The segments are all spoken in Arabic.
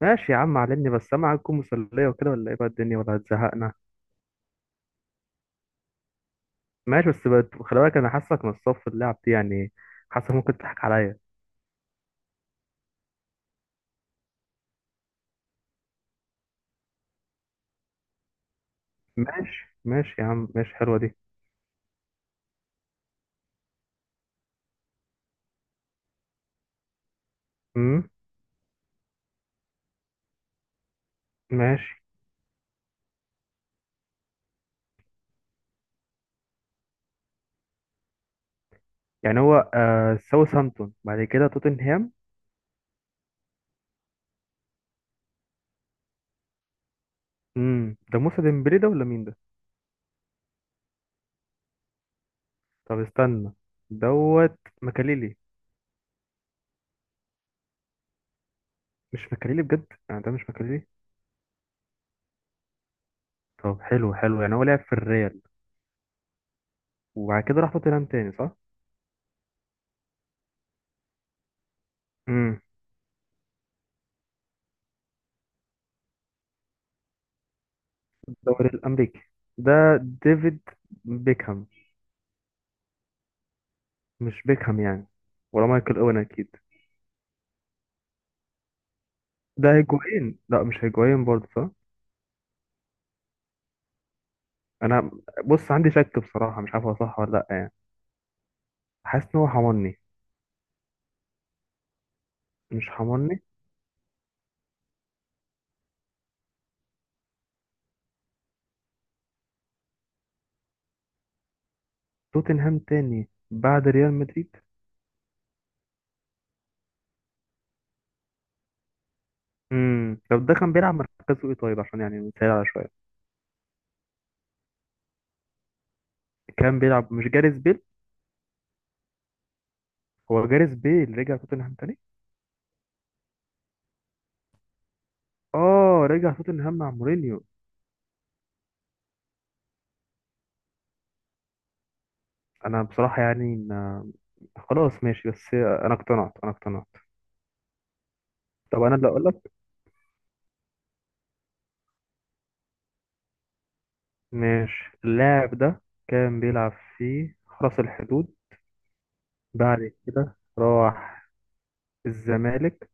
ماشي يا عم، علمني بس. سامع، هتكون مسلية وكده ولا ايه بقى الدنيا، ولا هتزهقنا؟ ماشي، بس خلي بالك، انا حاسك من الصف اللعب دي يعني، حاسك ممكن تضحك عليا. ماشي، ماشي يا عم، ماشي. حلوة دي. امم ماشي. يعني هو ساوثهامبتون بعد كده توتنهام. ده موسى ديمبلي ده، ولا مين ده؟ طب استنى. دوت مكاليلي. مش مكاليلي بجد؟ يعني ده مش مكاليلي؟ طب، حلو حلو. يعني هو لعب في الريال وبعد كده راح توتنهام تاني، صح؟ امم الدوري الامريكي ده. ديفيد بيكهام. مش بيكهام يعني؟ ولا مايكل اوين اكيد؟ ده هيجوين، لا مش هيجوين برضه، صح؟ انا، بص، عندي شك بصراحه. مش عارف هو صح ولا لا يعني. حاسس ان هو حمرني. مش حمرني؟ توتنهام تاني بعد ريال مدريد. طب ده كان بيلعب مركزه ايه طيب، عشان يعني نسهل على شويه. كان بيلعب. مش جاريث بيل؟ هو جاريث بيل رجع توتنهام تاني. اه، رجع توتنهام مع مورينيو. انا بصراحه يعني خلاص ماشي. بس انا اقتنعت، انا اقتنعت. طب انا اللي اقول لك. ماشي. اللاعب ده كان بيلعب في حرس الحدود. بعد كده راح الزمالك،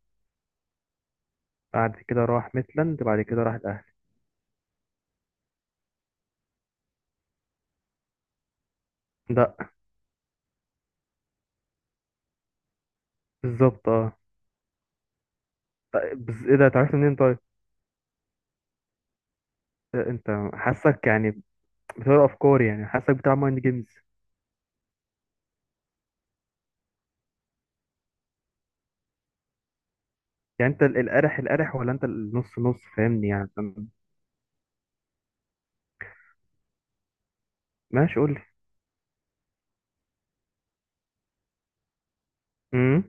بعد كده راح ميتلاند، بعد كده راح الأهلي. لا. بالظبط اه. طيب، بس ايه ده، اتعرفت منين طيب؟ إيه، انت حاسك يعني بتقرا افكاري، يعني حاسك بتلعب مايند جيمز. يعني انت القرح القرح، ولا انت النص نص، فاهمني يعني؟ ماشي، قول لي. امم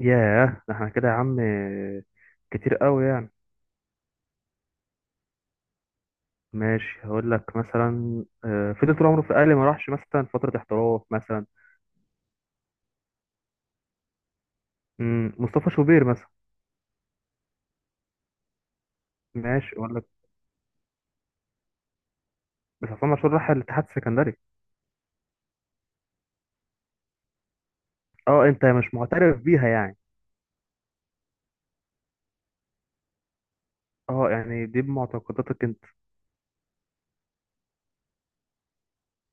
ياه. ده احنا كده يا عم، كتير قوي يعني. ماشي، هقول لك مثلا فضل طول عمره في الاهلي، ما راحش مثلا فتره احتراف مثلا. مصطفى شوبير مثلا. ماشي، اقول لك. بس عصام عاشور راح الاتحاد السكندري. اه، انت مش معترف بيها يعني. اه يعني دي بمعتقداتك انت.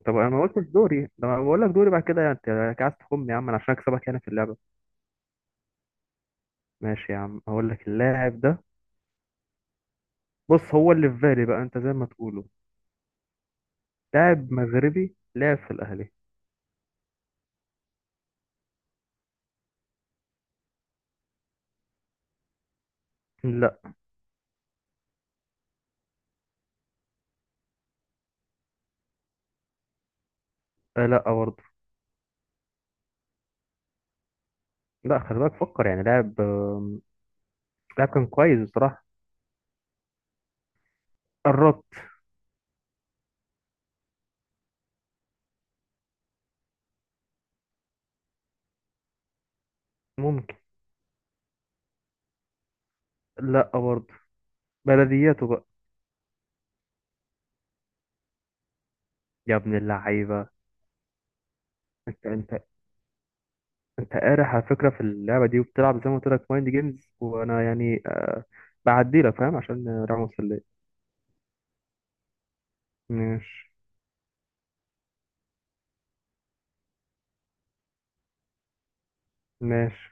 طب انا ما قلتش دوري ده، انا بقول لك دوري بعد كده. يعني انت يعني عايز تخم يا عم انا، عشان اكسبك هنا في اللعبه؟ ماشي يا عم، هقول لك. اللاعب ده، بص، هو اللي في بالي بقى، انت زي ما تقوله. لاعب مغربي لعب في الاهلي. لا. لا برضه. لا، خلي بالك، فكر. يعني لاعب كان كويس بصراحه. قربت. ممكن. لا برضه. بلدياته بقى. يا ابن اللعيبه، انت انت انت قارح على فكره في اللعبه دي، وبتلعب زي ما قلت لك مايند جيمز. وانا يعني بعدي لك، فاهم؟ عشان راح مسلية. ماشي. ماشي.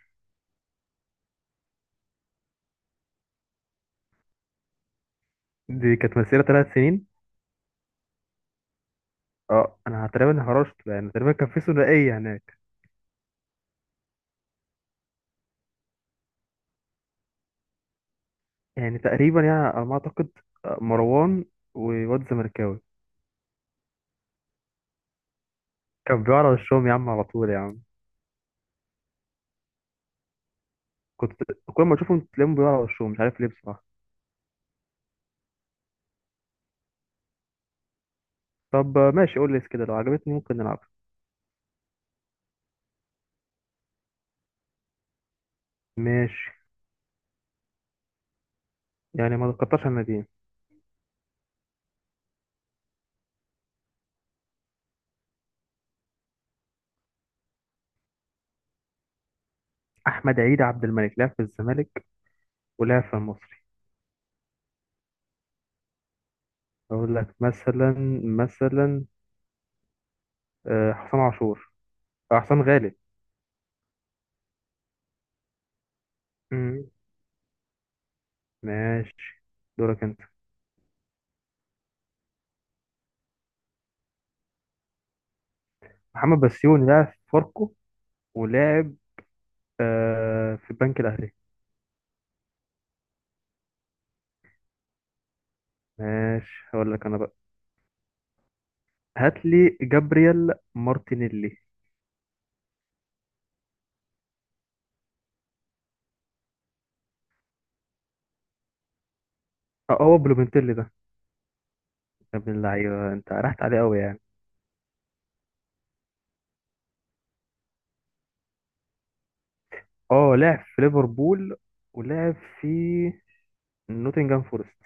دي كانت مسيره 3 سنين. اه، انا تقريبا هرشت يعني، تقريبا كان في ثنائيه هناك. يعني تقريبا يعني على ما اعتقد. مروان وواد زمركاوي. كان بيقع على وشهم يا عم، على طول يا عم. كنت. كل ما اشوفهم تلاقيهم بيقع على وشهم، مش عارف ليه بصراحه. طب ماشي، قول لي كده لو عجبتني ممكن نلعب. ماشي. يعني ما تقطعش الناديين. احمد عيد عبد الملك لعب في الزمالك ولعب في المصري. اقول لك مثلا حسام عاشور. حسام غالب. مم. ماشي، دورك انت. محمد بسيوني لعب في فاركو، ولعب في البنك الاهلي. ماشي، هقول لك انا بقى. هات لي جابرييل مارتينيلي. اه، هو بلومنتيلي ده. يا ابن اللعيبه، انت رحت عليه قوي يعني. اه، لعب في ليفربول ولعب في نوتنجهام فورست.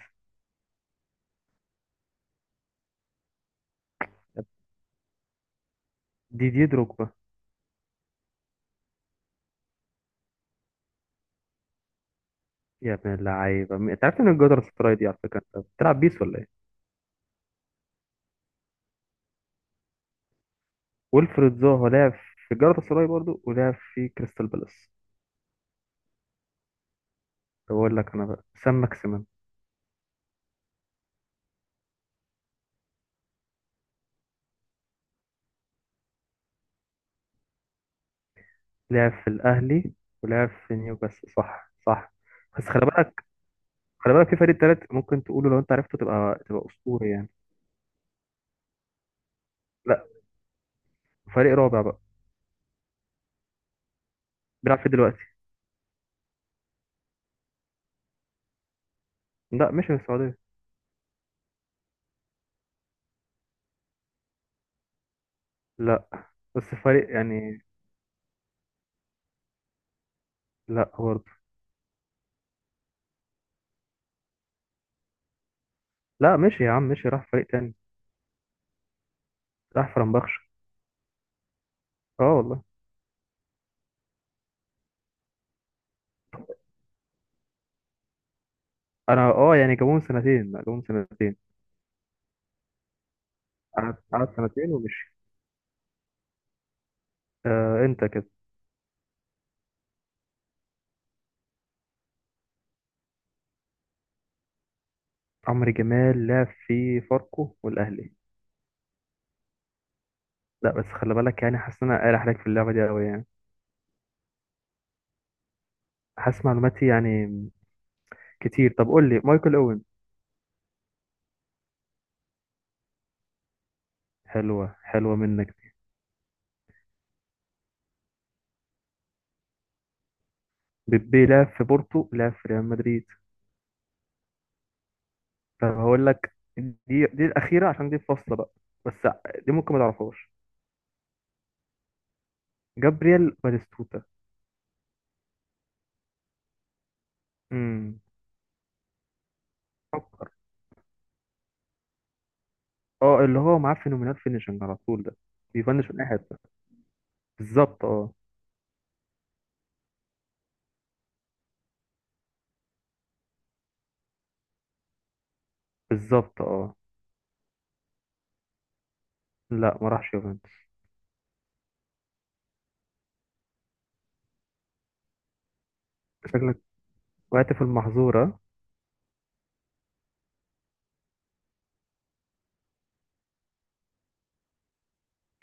ديدي دروجبا. يا ابن اللعيبه، انت عارف ان الجدر السراي دي على فكره، انت بتلعب بيس ولا ايه؟ ويلفريد زاها لعب في الجدر السراي برضو، ولعب في كريستال بالاس. طب اقول لك انا بقى، سام ماكسيمان. لعب في الاهلي، ولعب في نيوكاسل، صح، صح. بس خلي بالك، خلي بالك، في فريق تالت ممكن تقوله، لو انت عرفته تبقى اسطوري يعني. لا، فريق رابع بقى. بيلعب فيه دلوقتي. لا، مشي من السعوديه. لا، بس فريق يعني. لا برضه. لا، مشي يا عم، مشي راح فريق تاني. راح فرنبخش. اه والله. انا اه يعني جابوهم سنتين. لا، جابوهم سنتين. قعد سنتين ومشي. انت كده. عمرو جمال لعب في فاركو والاهلي. لا بس خلي بالك، يعني حاسس ان انا قارح عليك في اللعبه دي قوي يعني. حاسس معلوماتي يعني كتير. طب قول لي، مايكل اوين. حلوه حلوه منك. بيبي لعب في بورتو، لعب في ريال مدريد. طب هقول لك، دي الاخيره، عشان دي الفاصله بقى. بس دي ممكن ما تعرفهاش. جابرييل باتيستوتا. امم اه، اللي هو معاه فينومينال فينيشنج على طول ده. بيفنش من اي حته. بالظبط اه. بالظبط اه. لا، ما راحش يوفنتوس. شكلك وقعت في المحظورة.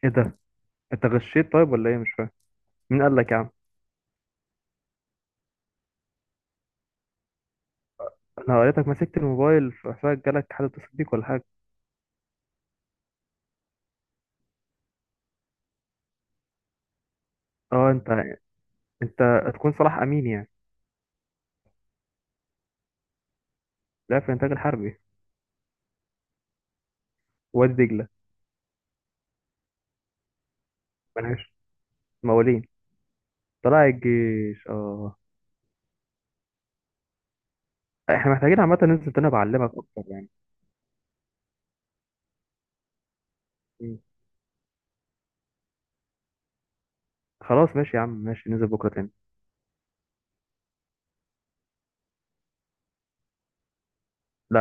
ايه ده؟ انت غشيت طيب ولا ايه؟ مش فاهم. مين قال لك يا عم؟ انا قريتك مسكت الموبايل، في حسابك جالك حد اتصل بيك ولا حاجة؟ اه، انت هتكون صلاح امين يعني. لا، في الانتاج الحربي. وادي دجلة. ملهاش موالين. طلع الجيش اه. احنا محتاجين عامة ننزل تاني بعلمك اكتر يعني. مم. خلاص، ماشي يا عم، ماشي ننزل بكرة تاني. لا